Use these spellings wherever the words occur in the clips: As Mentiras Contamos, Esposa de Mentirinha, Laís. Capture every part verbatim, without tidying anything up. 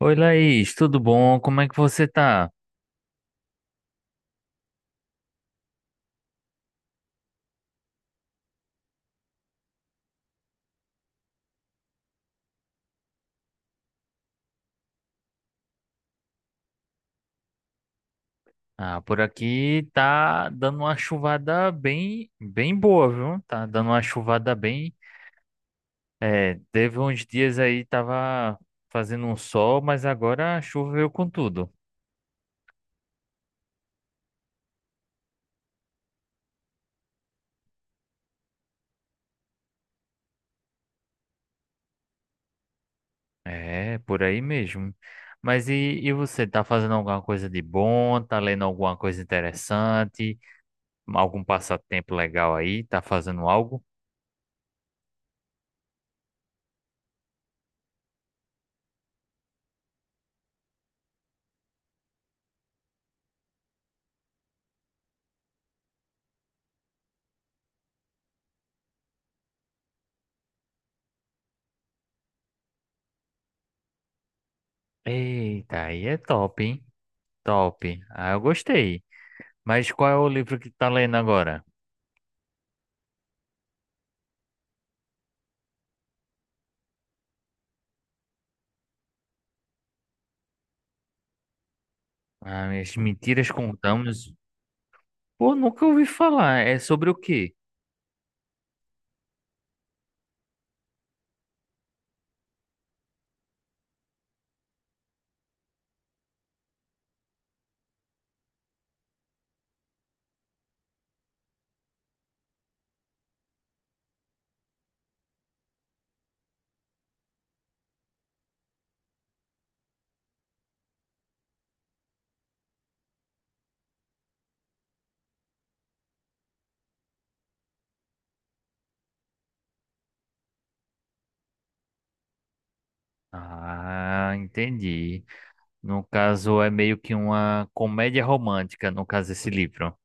Oi, Laís, tudo bom? Como é que você tá? Ah, por aqui tá dando uma chuvada bem, bem boa, viu? Tá dando uma chuvada bem. É, teve uns dias aí tava fazendo um sol, mas agora choveu com tudo. É, por aí mesmo. Mas e, e você, tá fazendo alguma coisa de bom? Tá lendo alguma coisa interessante? Algum passatempo legal aí? Tá fazendo algo? Eita, aí é top, hein? Top. Ah, eu gostei. Mas qual é o livro que tá lendo agora? Ah, As Mentiras Contamos. Pô, nunca ouvi falar. É sobre o quê? Ah, entendi. No caso, é meio que uma comédia romântica, no caso, esse livro.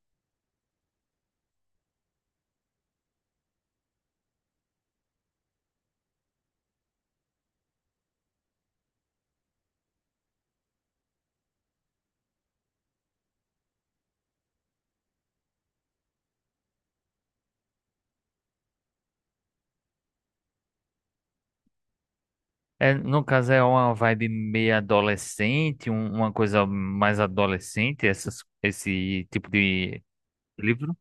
É, no caso, é uma vibe meio adolescente, um- uma coisa mais adolescente, essas, esse tipo de livro?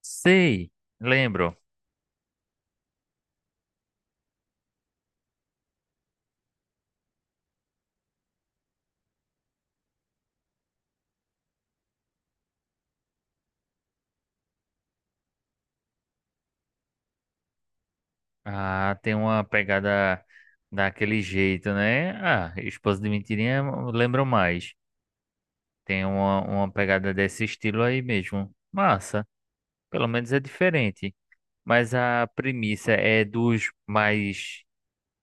Sei, lembro. Ah, tem uma pegada daquele jeito, né? Ah, Esposa de Mentirinha, eu lembro mais. Tem uma, uma pegada desse estilo aí mesmo. Massa. Pelo menos é diferente. Mas a premissa é dos mais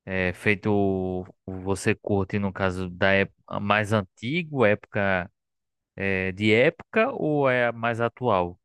é, feito você curte, no caso da época mais antigo, época é, de época, ou é a mais atual?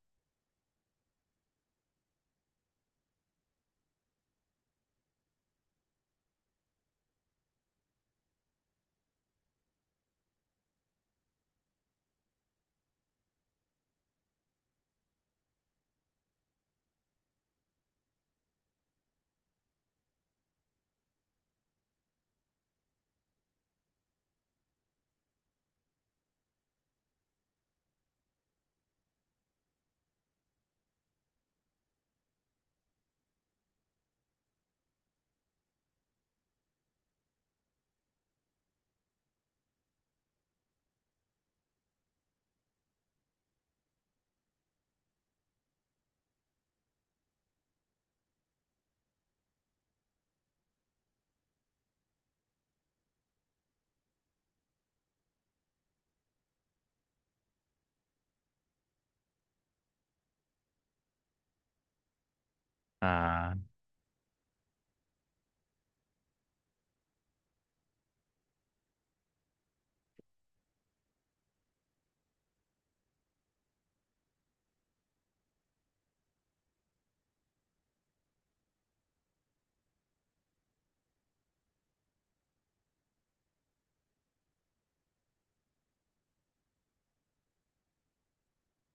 Ah,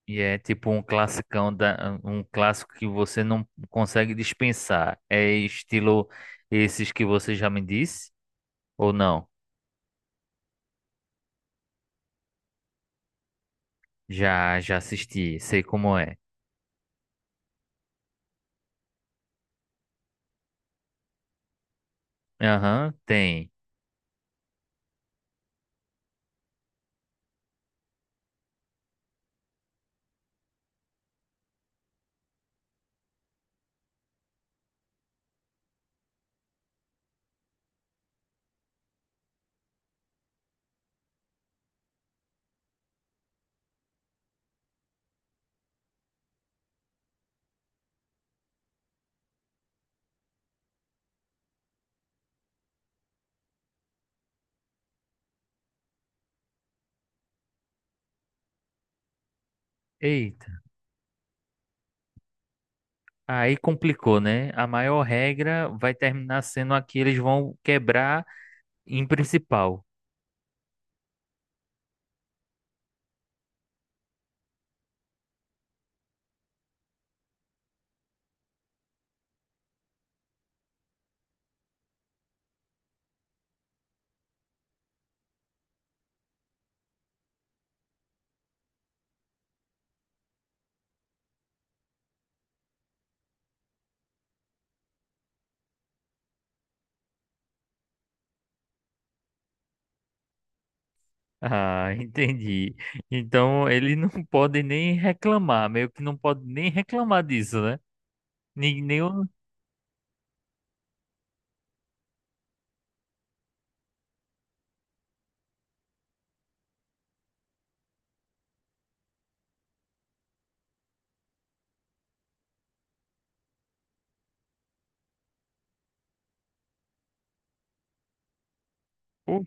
e é tipo um classicão da, um clássico que você não consegue dispensar. É estilo esses que você já me disse? Ou não? Já, já assisti, sei como é. Aham, tem. Eita, aí complicou, né? A maior regra vai terminar sendo a que eles vão quebrar em principal. Ah, entendi. Então ele não pode nem reclamar, meio que não pode nem reclamar disso, né? Nem, nem o- o-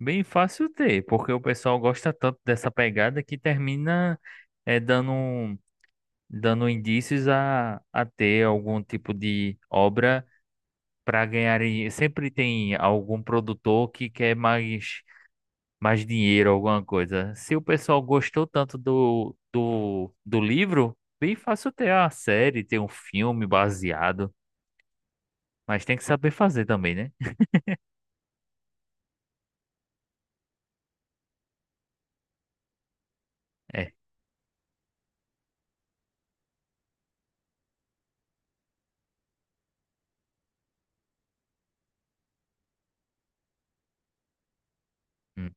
bem fácil ter, porque o pessoal gosta tanto dessa pegada que termina eh, dando, um- dando indícios a, a ter algum tipo de obra para ganhar. em- Sempre tem algum produtor que quer mais. Mais dinheiro, alguma coisa. Se o pessoal gostou tanto do, do, do livro, bem fácil ter a série, ter um filme baseado. Mas tem que saber fazer também, né? É. Hum.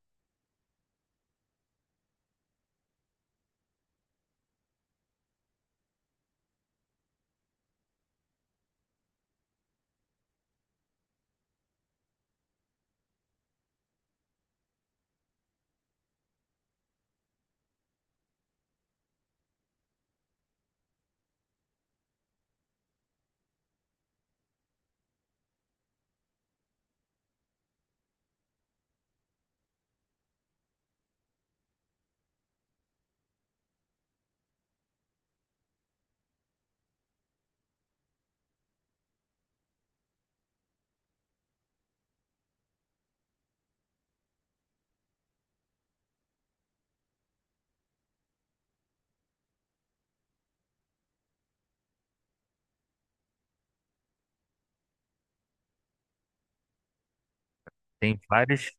Tem várias.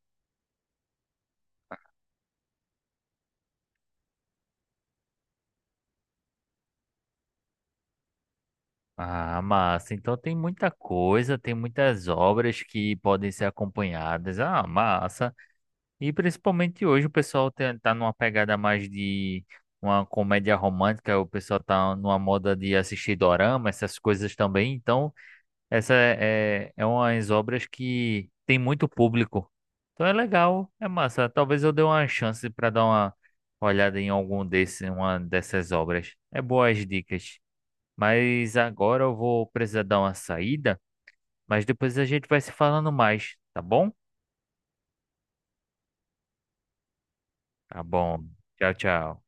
Ah, massa. Então tem muita coisa, tem muitas obras que podem ser acompanhadas. Ah, massa. E principalmente hoje o pessoal tem- tá numa pegada mais de uma comédia romântica, o pessoal tá numa moda de assistir dorama, essas coisas também. Então. Essa é, é umas obras que tem muito público. Então é legal, é massa. Talvez eu dê uma chance para dar uma olhada em algum desse, uma dessas obras. É boas dicas. Mas agora eu vou precisar dar uma saída, mas depois a gente vai se falando mais, tá bom? Tá bom. Tchau, tchau.